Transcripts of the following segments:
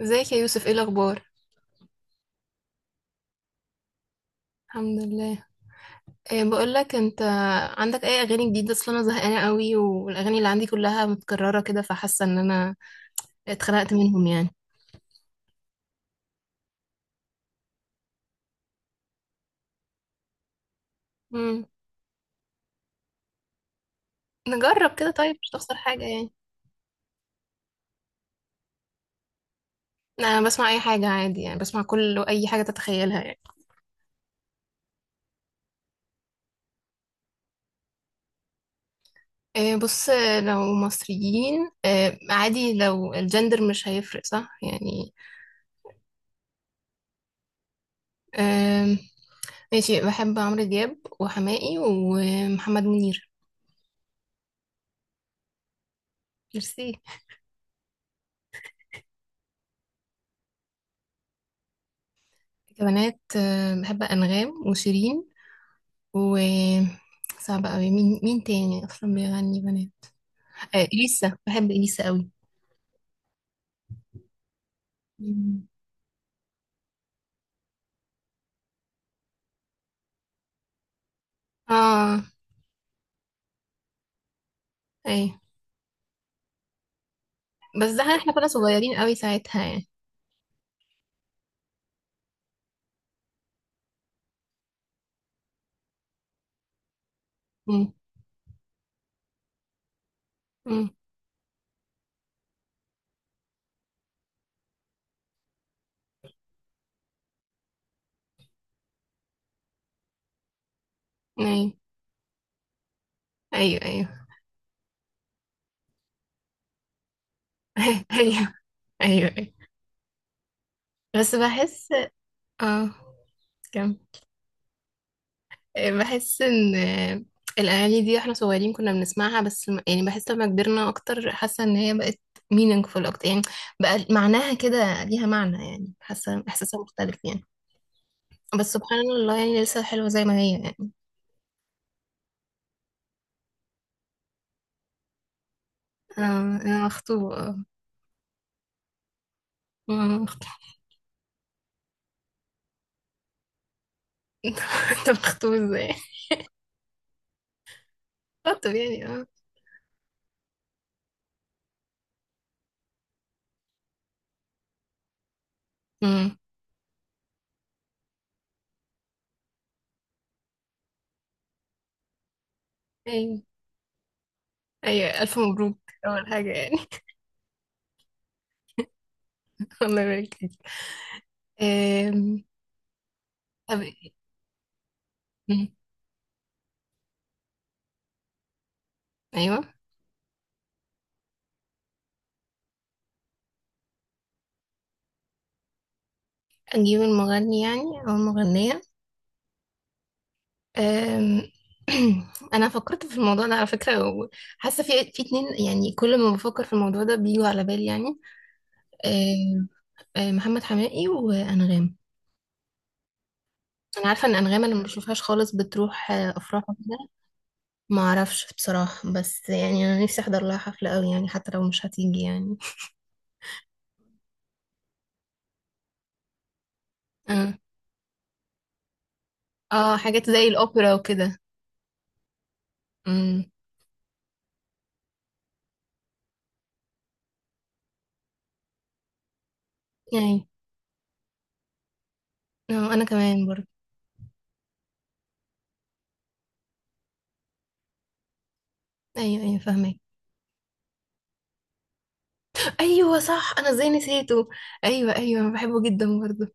ازيك يا يوسف، ايه الاخبار؟ الحمد لله. إيه، بقول لك انت، عندك اي اغاني جديده اصلا؟ انا زهقانه قوي، والاغاني اللي عندي كلها متكرره كده، فحاسه ان انا اتخنقت منهم يعني. امم. نجرب كده طيب، مش تخسر حاجه يعني. انا بسمع اي حاجه عادي يعني، بسمع كل اي حاجه تتخيلها يعني. إيه، بص. لو مصريين إيه عادي، لو الجندر مش هيفرق صح يعني. إيه. ماشي، بحب عمرو دياب وحماقي ومحمد منير. ميرسي. كمانات بحب أنغام وشيرين. و صعب قوي، مين مين تاني أصلا بيغني بنات؟ آه إليسا، بحب إليسا قوي. مم. اه. أي. بس ده احنا كنا صغيرين قوي ساعتها يعني. مم. مم. أي. أيوه أيوه. أيوه أيوه. أيوه. بس بحس. اه، كمل. بحس ان الاغاني دي واحنا صغيرين كنا بنسمعها، بس يعني بحس لما كبرنا اكتر، حاسه ان هي بقت meaningful اكتر يعني، بقى معناها كده، ليها معنى يعني، حاسه احساسها مختلف يعني. بس سبحان الله يعني، لسه حلوه زي ما هي يعني. آه، انا مخطوبه آه. أنا مخطوبة. انت مخطوب ازاي؟ خطب يعني، اه. أمم. ايوه. ايوه الف مبروك، اول حاجه يعني. الله يبارك فيك. آم، طب. أمم. ايوه. اجيب المغني يعني، او المغنيه؟ أم، انا فكرت في الموضوع ده على فكره، وحاسه في اتنين يعني، كل ما بفكر في الموضوع ده بيجوا على بالي يعني. أم، محمد حماقي وانغام. انا عارفه ان انغام انا ما بشوفهاش خالص، بتروح افراح وكده. ما اعرفش بصراحه، بس يعني انا نفسي احضر لها حفله قوي يعني، حتى لو مش هتيجي يعني. اه. حاجات زي الاوبرا وكده. امم. يعني انا كمان برضه. ايوه ايوه فاهمك. ايوه صح، انا ازاي نسيته؟ ايوه ايوه انا بحبه جدا برضه.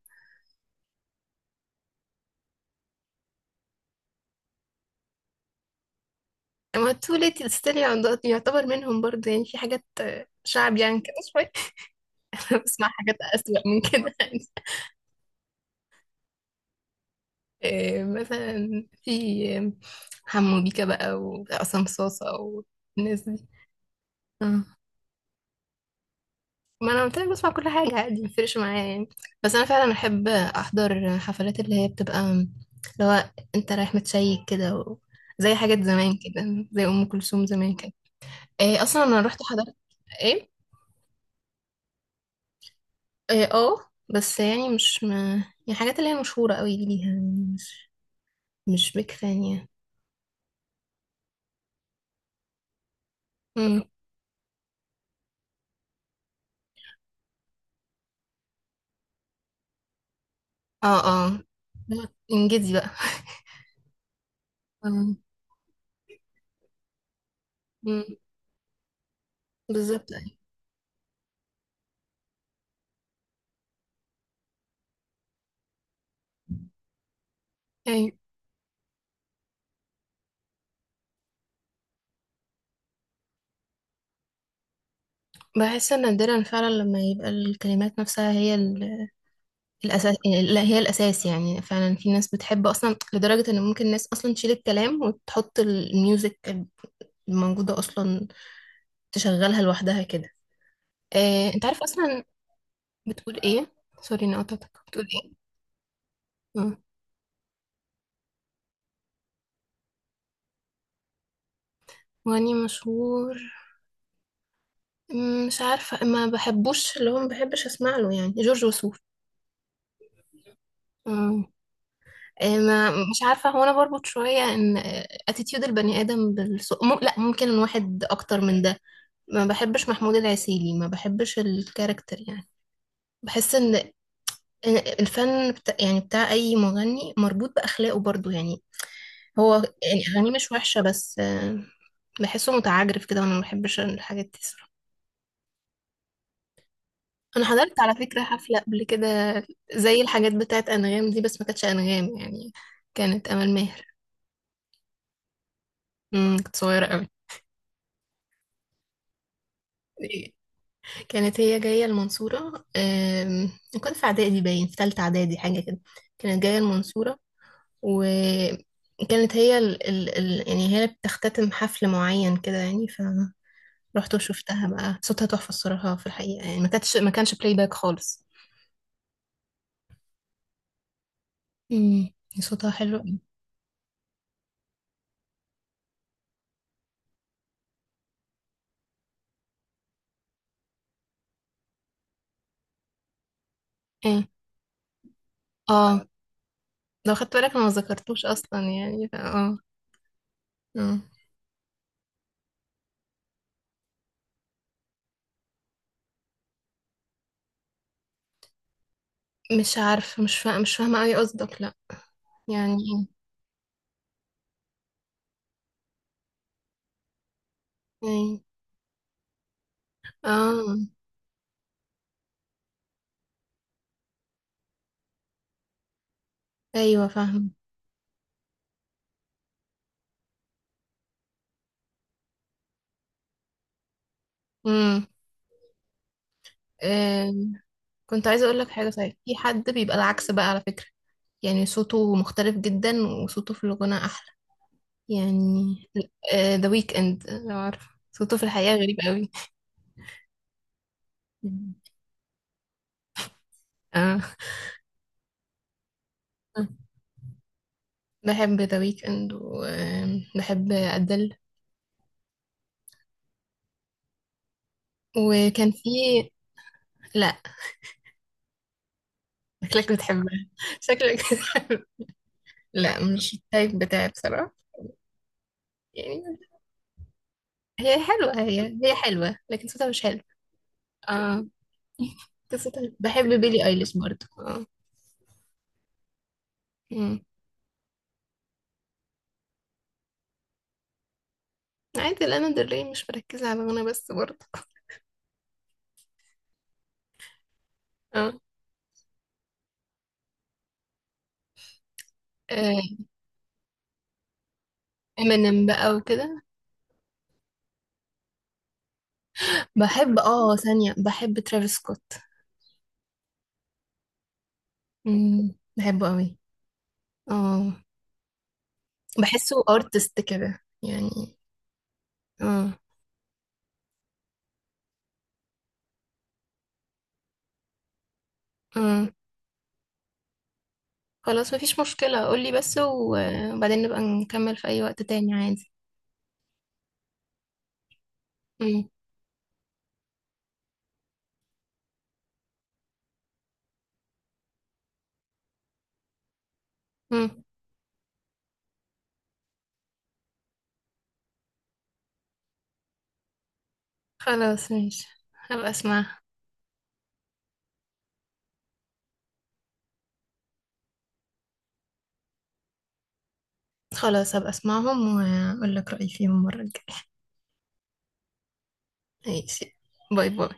ما التوليت ستيل يعتبر منهم برضه، يعني في حاجات شعب يعني كده شوية. أنا بسمع حاجات أسوأ من كده يعني. إيه، مثلا في آه، حمو بيكا بقى وعصام صاصة والناس دي. آه. ما أنا قلت لك بسمع كل حاجة عادي، مفرقش معايا يعني. بس أنا فعلا أحب أحضر حفلات اللي هي بتبقى اللي هو أنت رايح متشيك كده، و زي حاجات زمان كده، زي أم كلثوم زمان كده. إيه أصلا أنا رحت حضرت. إيه. اه، بس يعني مش يعني الحاجات اللي هي مشهورة قوي دي ليها يعني، مش بيك فان يعني. مم. اه. اه. لا، انجزي بقى. آه. مم. بالظبط ايوه. أيوة. بحس ان نادرا فعلا لما يبقى الكلمات نفسها هي الاساس. لا هي الاساس يعني، فعلا في ناس بتحب اصلا لدرجة ان ممكن الناس اصلا تشيل الكلام وتحط الميوزك الموجودة اصلا، تشغلها لوحدها كده. انت عارف اصلا، بتقول ايه؟ سوري اني قطعتك، بتقول. ايه؟ واني مشهور؟ مم، مش عارفة. ما بحبوش اللي هو ما بحبش اسمع له يعني جورج وسوف. مم. ما مش عارفة، هو انا بربط شوية ان اتيتيود البني ادم بالسوق لا ممكن الواحد اكتر من ده. ما بحبش محمود العسيلي، ما بحبش الكاركتر يعني. بحس ان إن الفن بتاع يعني بتاع اي مغني مربوط باخلاقه برضو يعني. هو يعني اغانيه مش وحشة، بس بحسه متعجرف كده، وانا ما بحبش الحاجات دي صراحة. انا حضرت على فكرة حفلة قبل كده، زي الحاجات بتاعت انغام دي، بس ما كانتش انغام يعني، كانت امل ماهر. كنت صغيرة قوي. كانت هي جاية المنصورة. كنت في اعدادي، باين في تالتة اعدادي حاجة كده، كانت جاية المنصورة. وكانت هي يعني هي اللي بتختتم حفل معين كده يعني. فروحت وشفتها بقى، صوتها تحفة الصراحة في الحقيقة يعني، ما كانش بلاي باك خالص. امم. صوتها حلو. اه. اه، لو خدت بالك انا ما ذكرتوش اصلا يعني اه. اه. مش عارفه، مش فاهمه مش فاهمه قوي قصدك، لا. يعني. ايه؟ اه ايوه فاهمه. امم. آم، كنت عايزه اقول لك حاجه، صحيح في حد بيبقى العكس بقى على فكره، يعني صوته مختلف جدا، وصوته في الغنى احلى يعني. ذا ويك اند، لو عارف، صوته في الحقيقه غريب قوي. اه. بحب ذا ويك اند وبحب ادل. وكان في. لا. شكلك بتحبها. شكلك بتحب. لا مش التايب بتاعي بصراحة، يعني. هي حلوة، هي حلوة، لكن صوتها مش حلو. اه. قصتها بحب بيلي ايليش برضه، اه. مم. عادي، لانا دل ري مش مركزة على غنى بس برضه. اه. آه، امينيم بقى وكده. بحب اه، ثانية، بحب ترافيس سكوت. مم، بحبه قوي. اه. بحسه ارتست كده يعني. اه. اه. خلاص مفيش مشكلة، قولي بس وبعدين نبقى نكمل في أي وقت تاني عادي. مم. مم. خلاص ماشي، هبقى اسمعها. خلاص هبقى اسمعهم واقول لك رأيي فيهم المرة الجاية. ماشي. باي باي.